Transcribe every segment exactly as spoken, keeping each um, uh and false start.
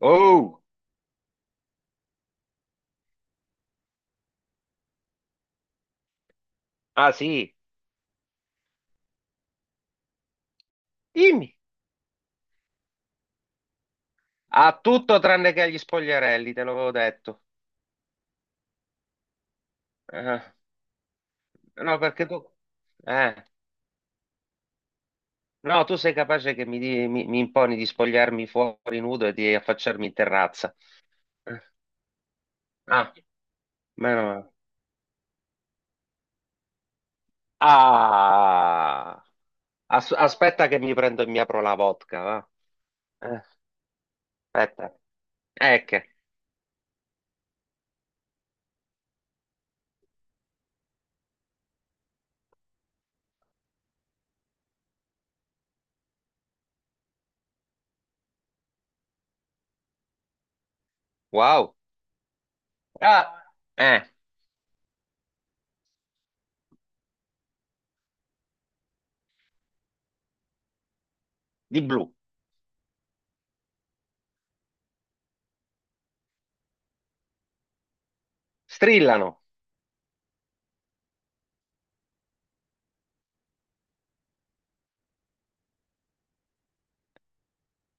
Oh, ah sì, dimmi. Ha tutto tranne che agli spogliarelli, te l'avevo detto. Eh, no, perché tu... Eh, no, tu sei capace che mi, di- mi- mi imponi di spogliarmi fuori nudo e di affacciarmi in terrazza. Eh, Ah, meno male. Ah, as- aspetta che mi prendo e mi apro la vodka, va? Eh, Aspetta. Ecco, wow. Ah, eh, di blu. Strillano.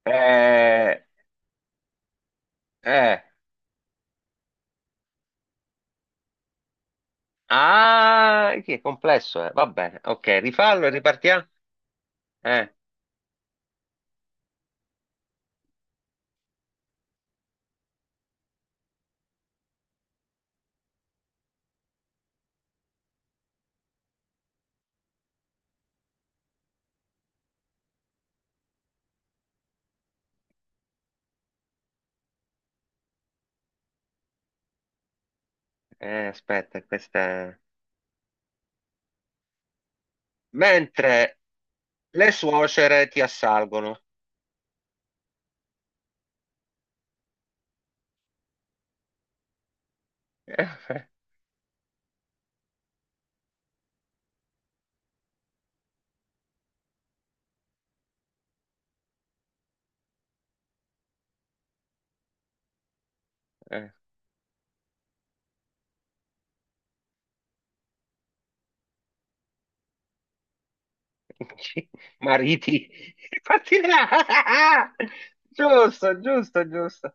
Eh, eh. Ah, che è complesso, eh. Va bene, ok, rifallo e ripartiamo. Eh, eh, Aspetta, questa è. Mentre le suocere ti assalgono. Eh, eh, eh. Mariti. Parti là. Giusto, giusto, giusto.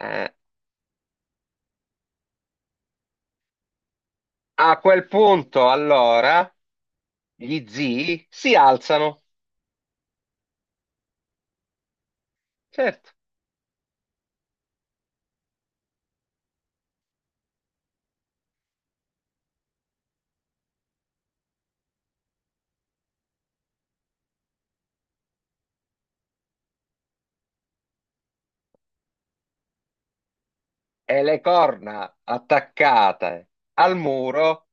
Eh, a quel punto, allora, gli zii si alzano, certo, e le corna attaccate al muro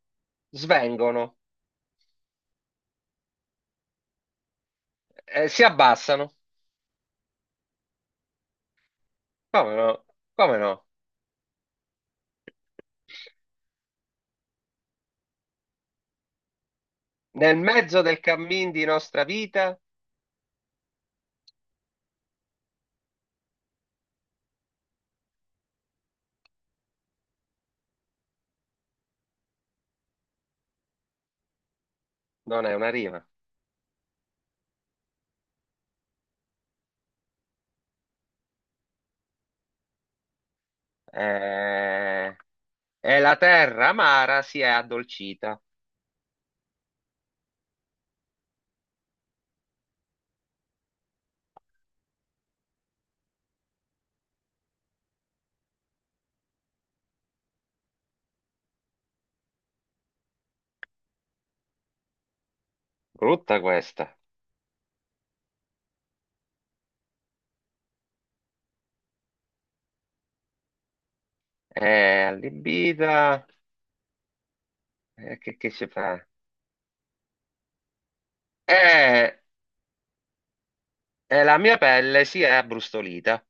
svengono, e si abbassano. Come no? Come no? Nel mezzo del cammin di nostra vita. Non è una rima. Eh, E la terra amara si è addolcita. Brutta questa. È allibita. Eh, che, che si fa? Eh, E la mia pelle si è abbrustolita.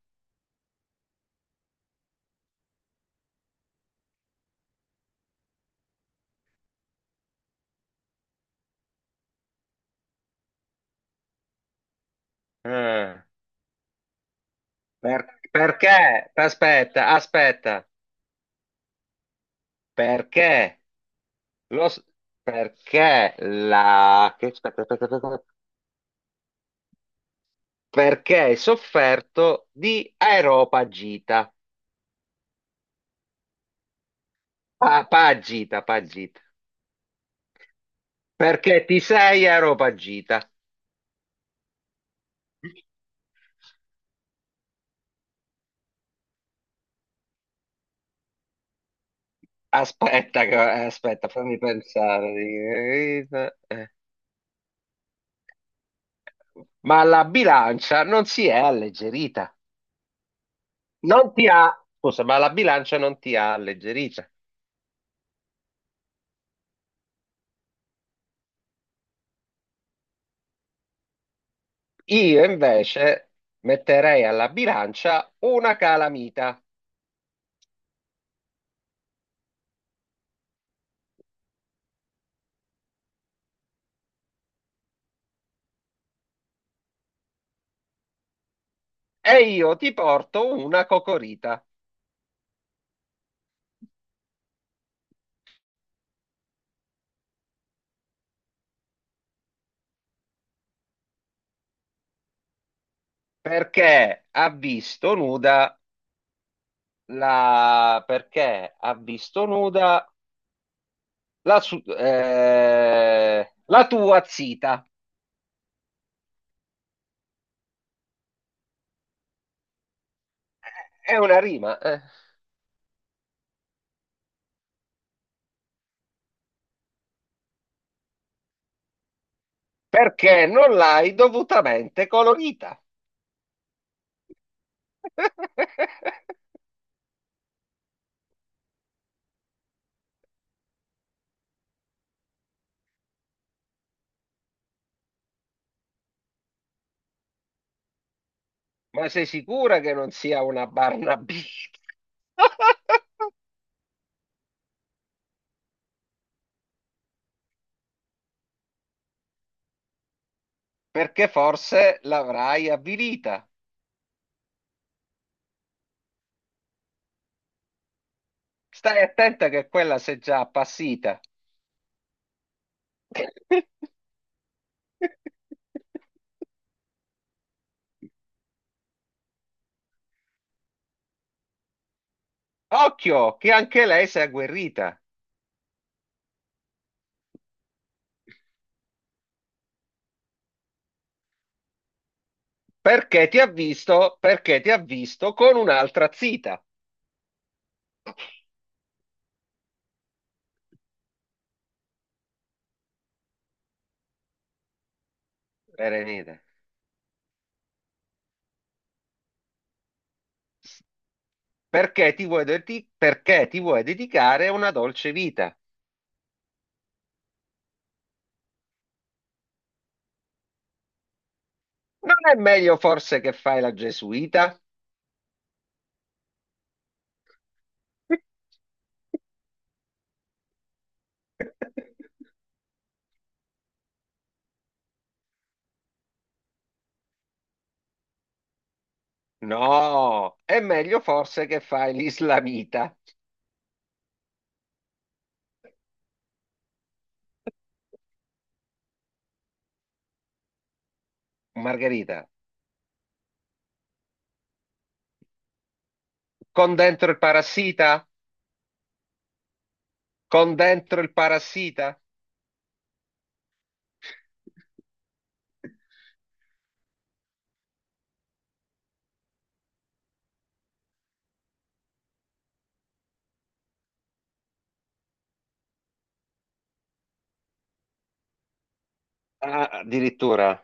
Eh, per- perché? Aspetta, aspetta. Perché? Lo, s- perché la. Che, aspetta, aspetta, aspetta. Perché hai sofferto di aeropagita. Pa- pagita, pagita. Perché ti sei aeropagita. Aspetta, che- eh, aspetta, fammi pensare. Eh, Ma la bilancia non si è alleggerita. Non ti ha. Scusa, ma la bilancia non ti ha alleggerita. Io invece metterei alla bilancia una calamita e io ti porto una cocorita. Perché ha visto nuda la. Perché ha visto nuda la, su- eh, la tua zita. È una rima. Eh. Perché non l'hai dovutamente colorita. Ma sei sicura che non sia una Barnaby? Perché forse l'avrai avvilita. Stai attenta che quella sei già appassita. Occhio, che anche lei si è agguerrita, perché ti ha visto, perché ti ha visto con un'altra zita, Berenice. Perché ti vuoi, dedi- perché ti vuoi dedicare a una dolce vita? Non è meglio forse che fai la gesuita? No, è meglio forse che fai l'islamita. Margherita, con dentro il parassita? Con dentro il parassita? Ah, addirittura.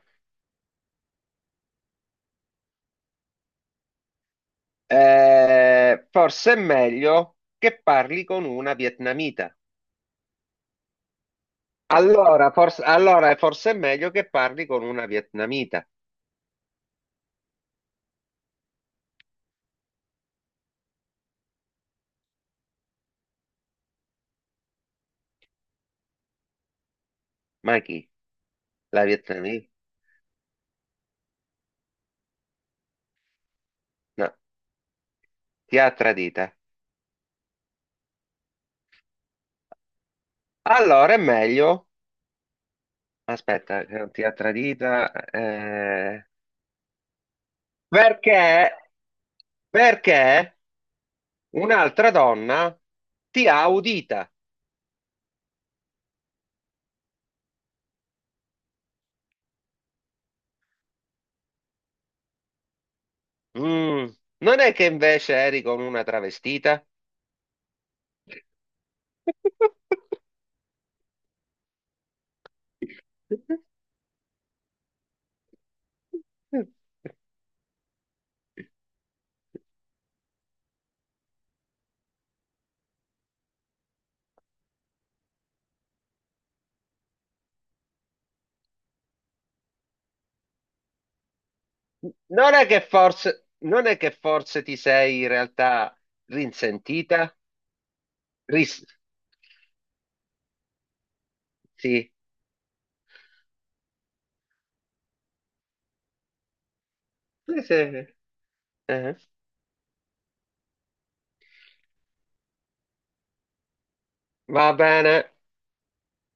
Eh, forse è meglio che parli con una vietnamita. Allora, forse, allora, forse è meglio che parli con una vietnamita. Ma chi? La vietnamita? No, ti ha tradita. Allora è meglio. Aspetta, che non ti ha tradita. eh, Perché? Perché un'altra donna ti ha udita. Mm, Non è che invece eri con una travestita? Non è che forse, non è che forse ti sei in realtà rinsentita? Ris- sì. Sì, sì. Eh, Va bene.